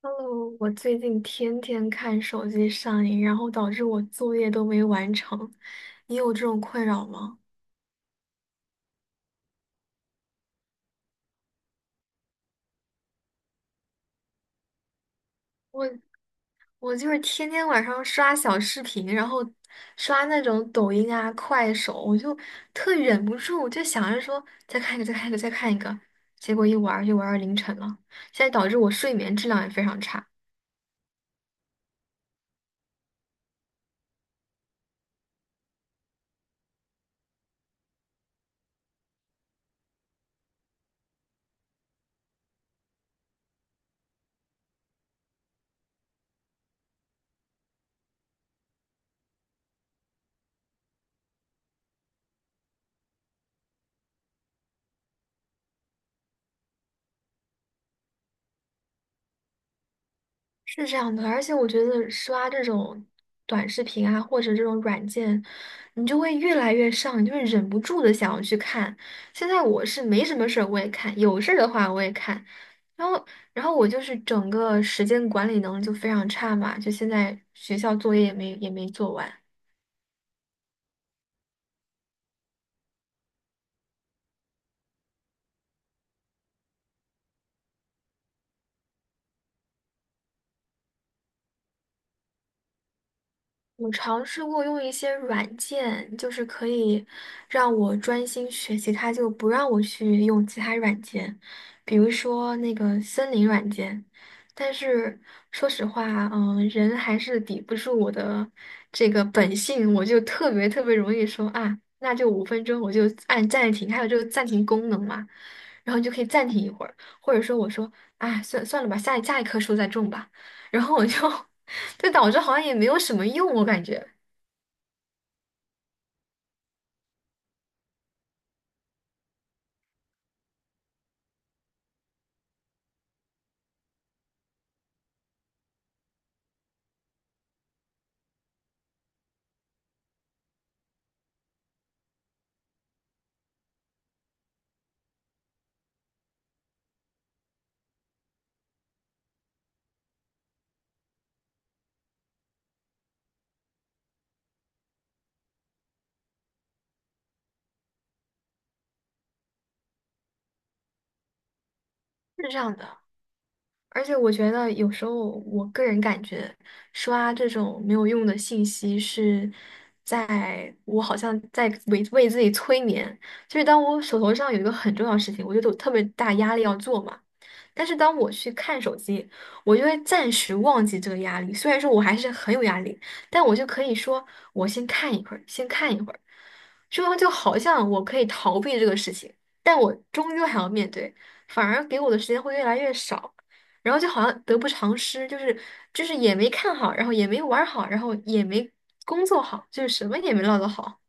Hello，我最近天天看手机上瘾，然后导致我作业都没完成。你有这种困扰吗？我我就是天天晚上刷小视频，然后刷那种抖音啊、快手，我就特忍不住，我就想着说再看一个、再看一个、再看一个，结果一玩儿就玩儿到凌晨了。现在导致我睡眠质量也非常差。是这样的，而且我觉得刷这种短视频啊，或者这种软件，你就会越来越上瘾，你就会忍不住的想要去看。现在我是没什么事儿我也看，有事儿的话我也看，然后然后我就是整个时间管理能力就非常差嘛，就现在学校作业也没做完。我尝试过用一些软件，就是可以让我专心学习，它就不让我去用其他软件，比如说那个森林软件。但是说实话，嗯，人还是抵不住我的这个本性，我就特别特别容易说啊，那就5分钟，我就按暂停，还有这个暂停功能嘛，然后你就可以暂停一会儿，或者说我说，哎，算了吧，下一棵树再种吧，然后我就 这导致好像也没有什么用，我感觉是这样的。而且我觉得有时候，我个人感觉刷这种没有用的信息是在我好像在为自己催眠。就是当我手头上有一个很重要的事情，我觉得有特别大压力要做嘛。但是当我去看手机，我就会暂时忘记这个压力。虽然说我还是很有压力，但我就可以说我先看一会儿，先看一会儿，这样就好像我可以逃避这个事情，但我终究还要面对，反而给我的时间会越来越少。然后就好像得不偿失，就是也没看好，然后也没玩儿好，然后也没工作好，就是什么也没落得好。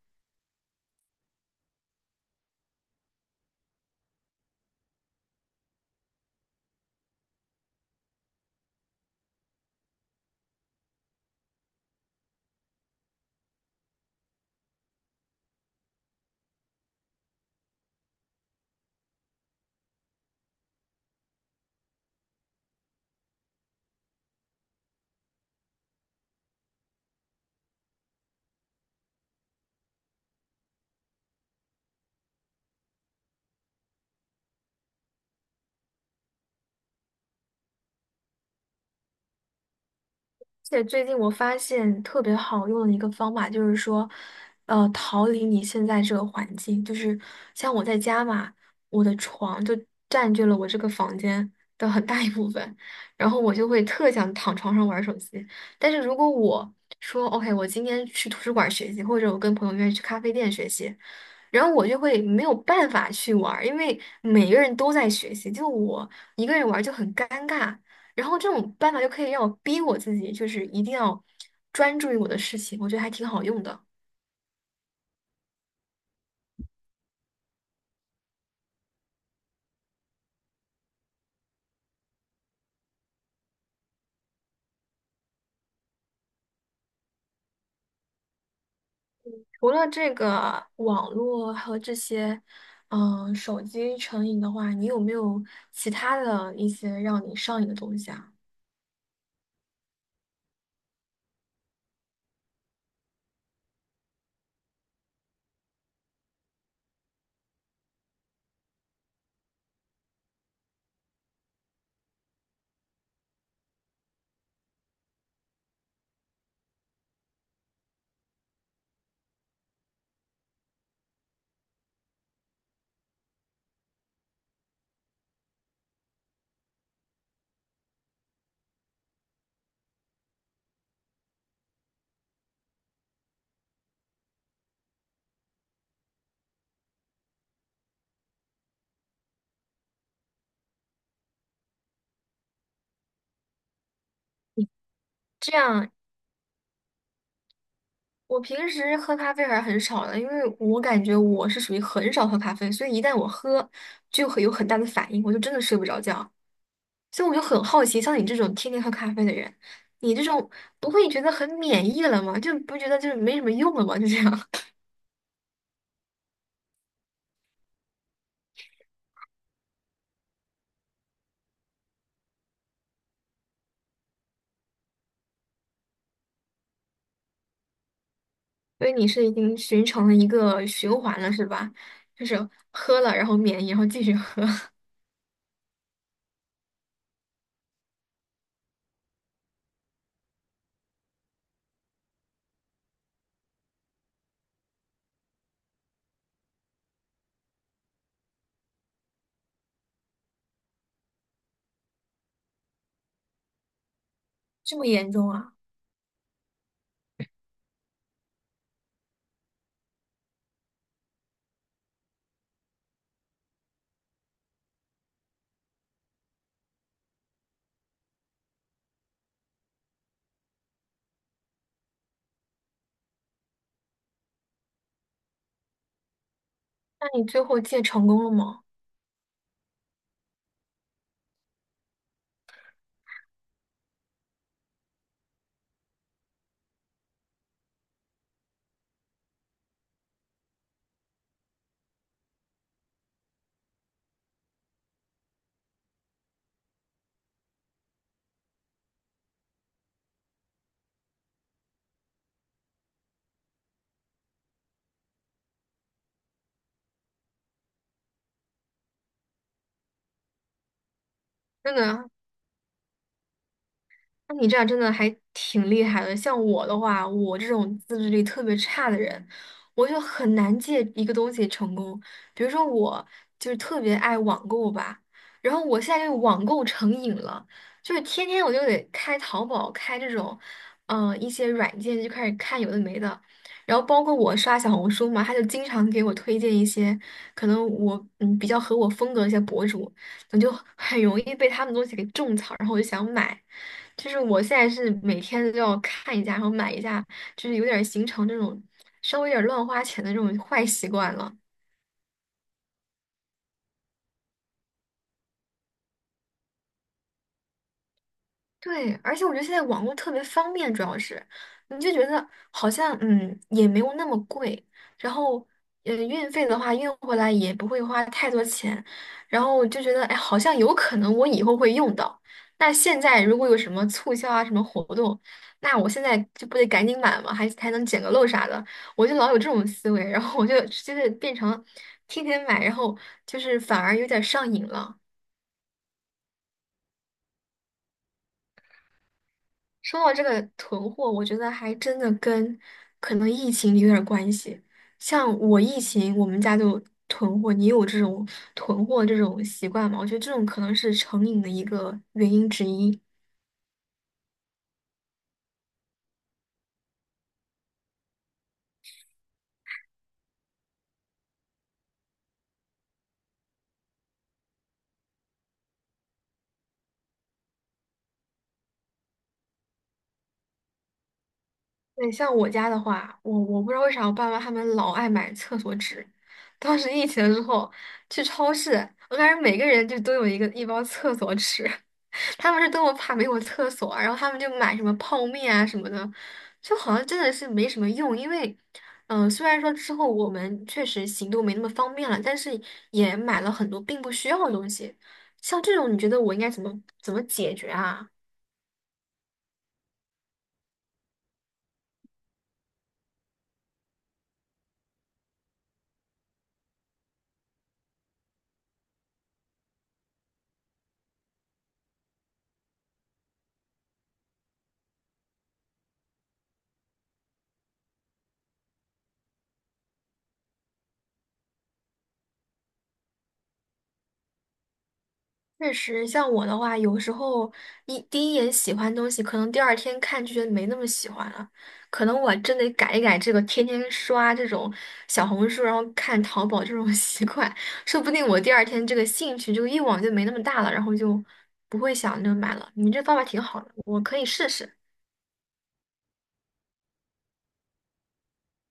而且最近我发现特别好用的一个方法就是说，逃离你现在这个环境。就是像我在家嘛，我的床就占据了我这个房间的很大一部分，然后我就会特想躺床上玩手机。但是如果我说 OK，我今天去图书馆学习，或者我跟朋友约去咖啡店学习，然后我就会没有办法去玩儿，因为每个人都在学习，就我一个人玩儿就很尴尬。然后这种办法就可以让我逼我自己，就是一定要专注于我的事情，我觉得还挺好用的。除了这个网络和这些，嗯，手机成瘾的话，你有没有其他的一些让你上瘾的东西啊？这样，我平时喝咖啡还是很少的，因为我感觉我是属于很少喝咖啡，所以一旦我喝，就会有很大的反应，我就真的睡不着觉。所以我就很好奇，像你这种天天喝咖啡的人，你这种不会觉得很免疫了吗？就不觉得就是没什么用了吗？就这样，所以你是已经形成了一个循环了，是吧？就是喝了，然后免疫，然后继续喝，这么严重啊？那你最后戒成功了吗？真的那你这样真的还挺厉害的。像我的话，我这种自制力特别差的人，我就很难借一个东西成功。比如说，我就是特别爱网购吧，然后我现在就网购成瘾了，就是天天我就得开淘宝，开这种，嗯、一些软件就开始看有的没的。然后包括我刷小红书嘛，他就经常给我推荐一些可能我嗯比较合我风格的一些博主，我就很容易被他们东西给种草，然后我就想买。就是我现在是每天都要看一下，然后买一下，就是有点儿形成这种稍微有点儿乱花钱的这种坏习惯了。对，而且我觉得现在网络特别方便，主要是你就觉得好像嗯也没有那么贵，然后运费的话运回来也不会花太多钱，然后我就觉得哎好像有可能我以后会用到。那现在如果有什么促销啊什么活动，那我现在就不得赶紧买嘛，还能捡个漏啥的，我就老有这种思维，然后我就变成天天买，然后就是反而有点上瘾了。说到这个囤货，我觉得还真的跟可能疫情有点儿关系。像我疫情，我们家就囤货，你有这种囤货这种习惯吗？我觉得这种可能是成瘾的一个原因之一。对，像我家的话，我不知道为啥我爸妈他们老爱买厕所纸。当时疫情之后去超市，我感觉每个人就都有一个一包厕所纸。他们是多么怕没有厕所啊，然后他们就买什么泡面啊什么的，就好像真的是没什么用。因为，嗯、虽然说之后我们确实行动没那么方便了，但是也买了很多并不需要的东西。像这种，你觉得我应该怎么解决啊？确实，像我的话，有时候第一眼喜欢东西，可能第二天看就觉得没那么喜欢了，可能我真得改一改这个天天刷这种小红书，然后看淘宝这种 习惯，说不定我第二天这个兴趣、就个欲望就没那么大了，然后就不会想着买了。你这方法挺好的，我可以试试。